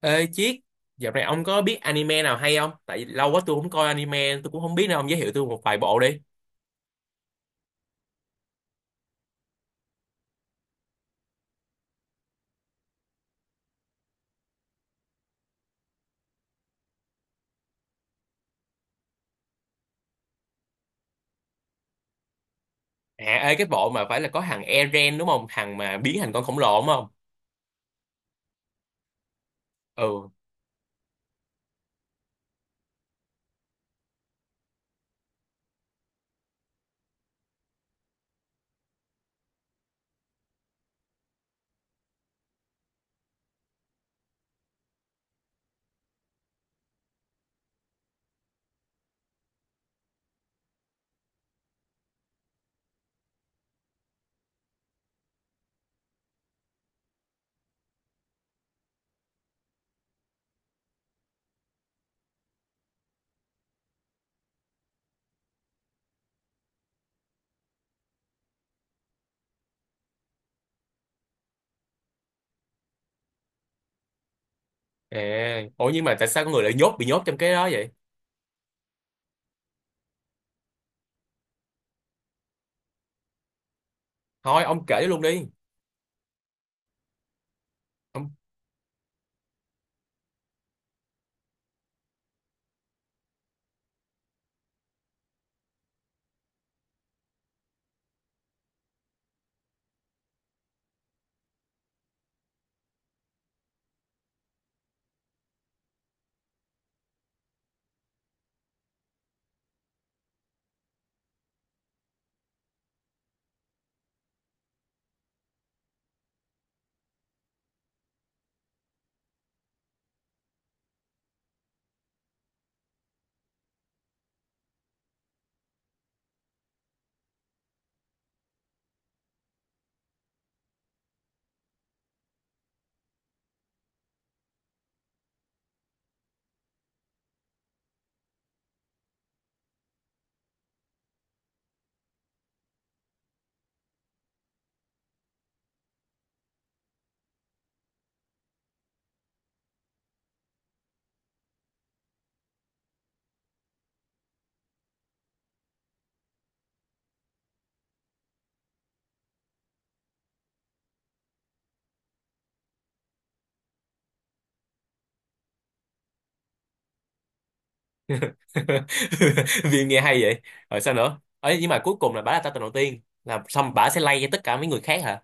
Ê Chiết, dạo này ông có biết anime nào hay không? Tại vì lâu quá tôi không coi anime, tôi cũng không biết, nên ông giới thiệu tôi một vài bộ đi. À, ê, cái bộ mà phải là có thằng Eren đúng không? Thằng mà biến thành con khổng lồ đúng không? Ừ. À, ủa nhưng mà tại sao con người lại bị nhốt trong cái đó vậy? Thôi ông kể luôn đi. Ông... Vì nghe hay vậy. Rồi sao nữa? Ấy nhưng mà cuối cùng là bả là ta tình đầu tiên. Là xong bả sẽ lay cho tất cả mấy người khác hả?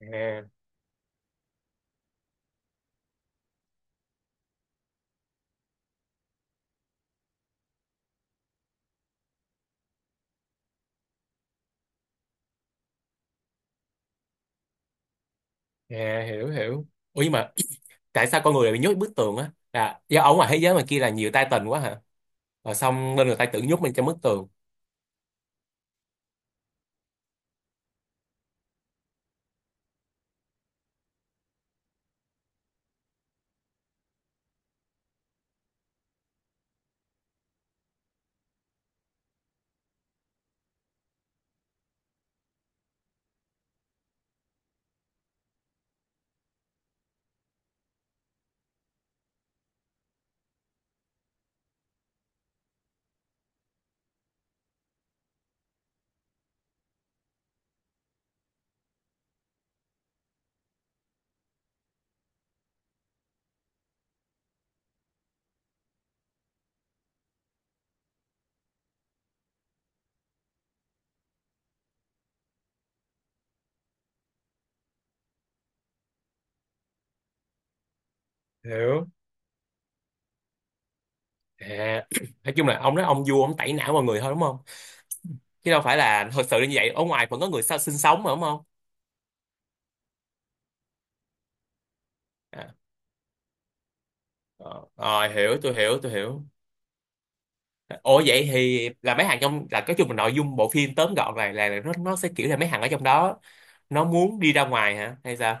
À. À, hiểu hiểu. Ủa nhưng mà tại sao con người lại bị nhốt bức tường á? Là do ở ngoài thế giới mà kia là nhiều Titan quá hả? Rồi xong nên người ta tự nhốt mình trong bức tường. Hiểu. À, nói chung là ông nói ông vua ông tẩy não mọi người thôi đúng không? Chứ đâu phải là thật sự là như vậy. Ở ngoài vẫn có người sao sinh sống mà đúng không? À, ờ, ờ, hiểu tôi hiểu tôi hiểu. Ủa vậy thì là mấy hàng trong là cái chung là nội dung bộ phim tóm gọn này là nó sẽ kiểu là mấy hàng ở trong đó nó muốn đi ra ngoài hả hay sao?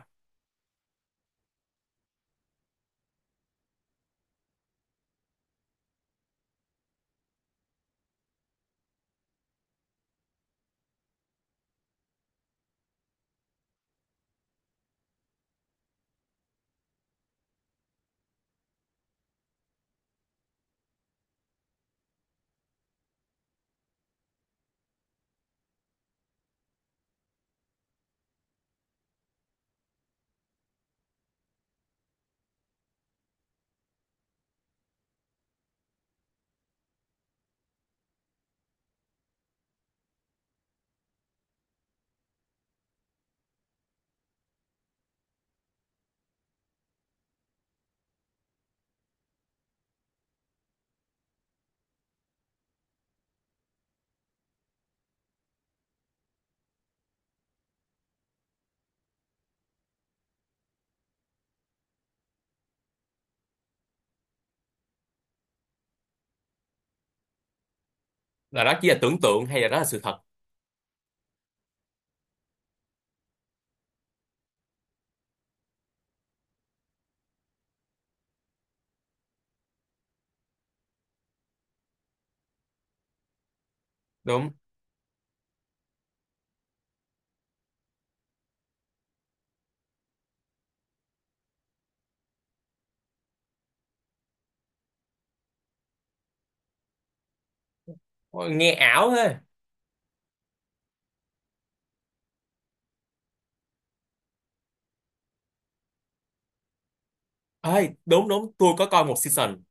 Là đó chỉ là tưởng tượng hay là đó là sự thật? Đúng. Ôi, nghe ảo thế. Ai, đúng đúng tôi có coi một season,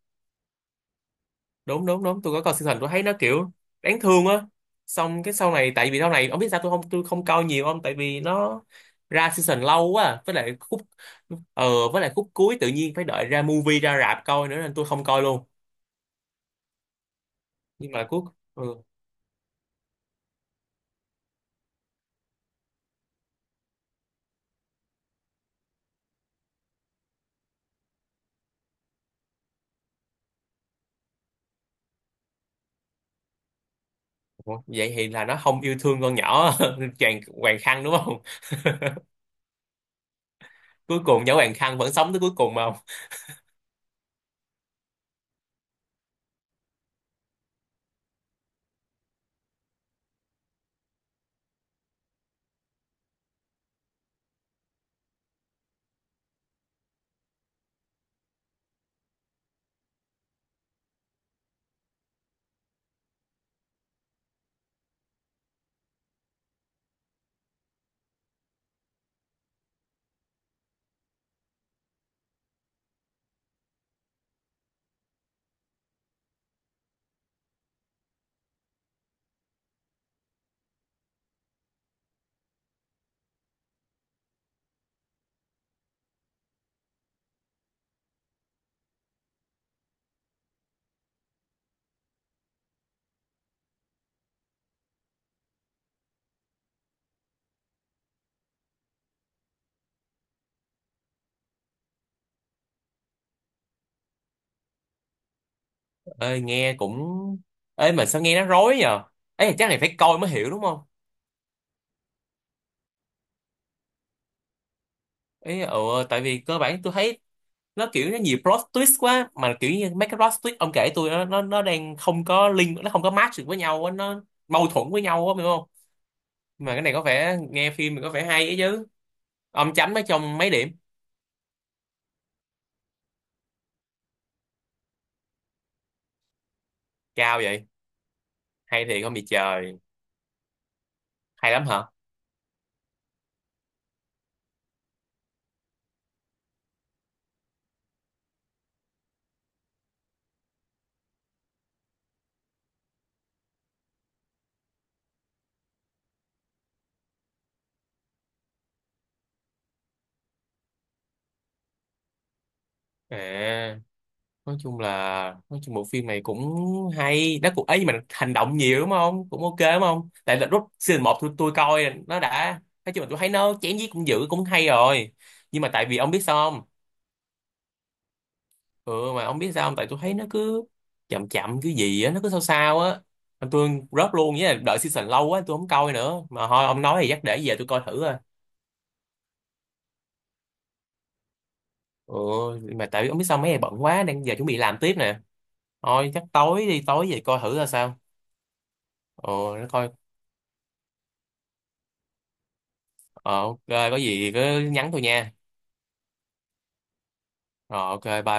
đúng đúng đúng tôi có coi season, tôi thấy nó kiểu đáng thương á. Xong cái sau này, tại vì sau này ông biết sao tôi không coi nhiều không, tại vì nó ra season lâu quá à. Với lại khúc cuối tự nhiên phải đợi ra movie ra rạp coi nữa nên tôi không coi luôn, nhưng mà cuối... Ừ. Ủa, vậy thì là nó không yêu thương con nhỏ Hoàng Hoàng Khăn đúng không? Cuối cùng nhỏ Hoàng Khăn vẫn sống tới cuối cùng mà không? Ơi nghe cũng... Ơi mà sao nghe nó rối nhờ. Ấy chắc này phải coi mới hiểu đúng không? Ý ừ, tại vì cơ bản tôi thấy nó kiểu nó nhiều plot twist quá, mà kiểu như mấy cái plot twist ông kể tôi nó nó đang không có link, nó không có match được với nhau á, nó mâu thuẫn với nhau á, hiểu không? Mà cái này có vẻ nghe phim thì có vẻ hay ấy chứ. Ông chấm nó trong mấy điểm? Cao vậy? Hay thì không bị trời. Hay lắm hả? À, nói chung là nói chung bộ phim này cũng hay, nó cũng ấy, nhưng mà hành động nhiều đúng không, cũng ok đúng không? Tại là lúc season một, tôi coi nó đã, nói chung là tôi thấy nó chém giết cũng dữ cũng hay rồi. Nhưng mà tại vì ông biết sao không? Ừ mà ông biết sao không, tại tôi thấy nó cứ chậm chậm cái gì á, nó cứ sao sao á. Mà tôi rớt luôn với là đợi season lâu quá, tôi không coi nữa mà. Thôi ông nói thì chắc để về tôi coi thử à. Ừ. Mà tại vì ông biết sao mấy ngày bận quá, đang giờ chuẩn bị làm tiếp nè. Thôi chắc tối đi tối về coi thử ra sao. Ừ. Nó coi. Ờ ok, có gì cứ nhắn tôi nha. Rồi ok bye.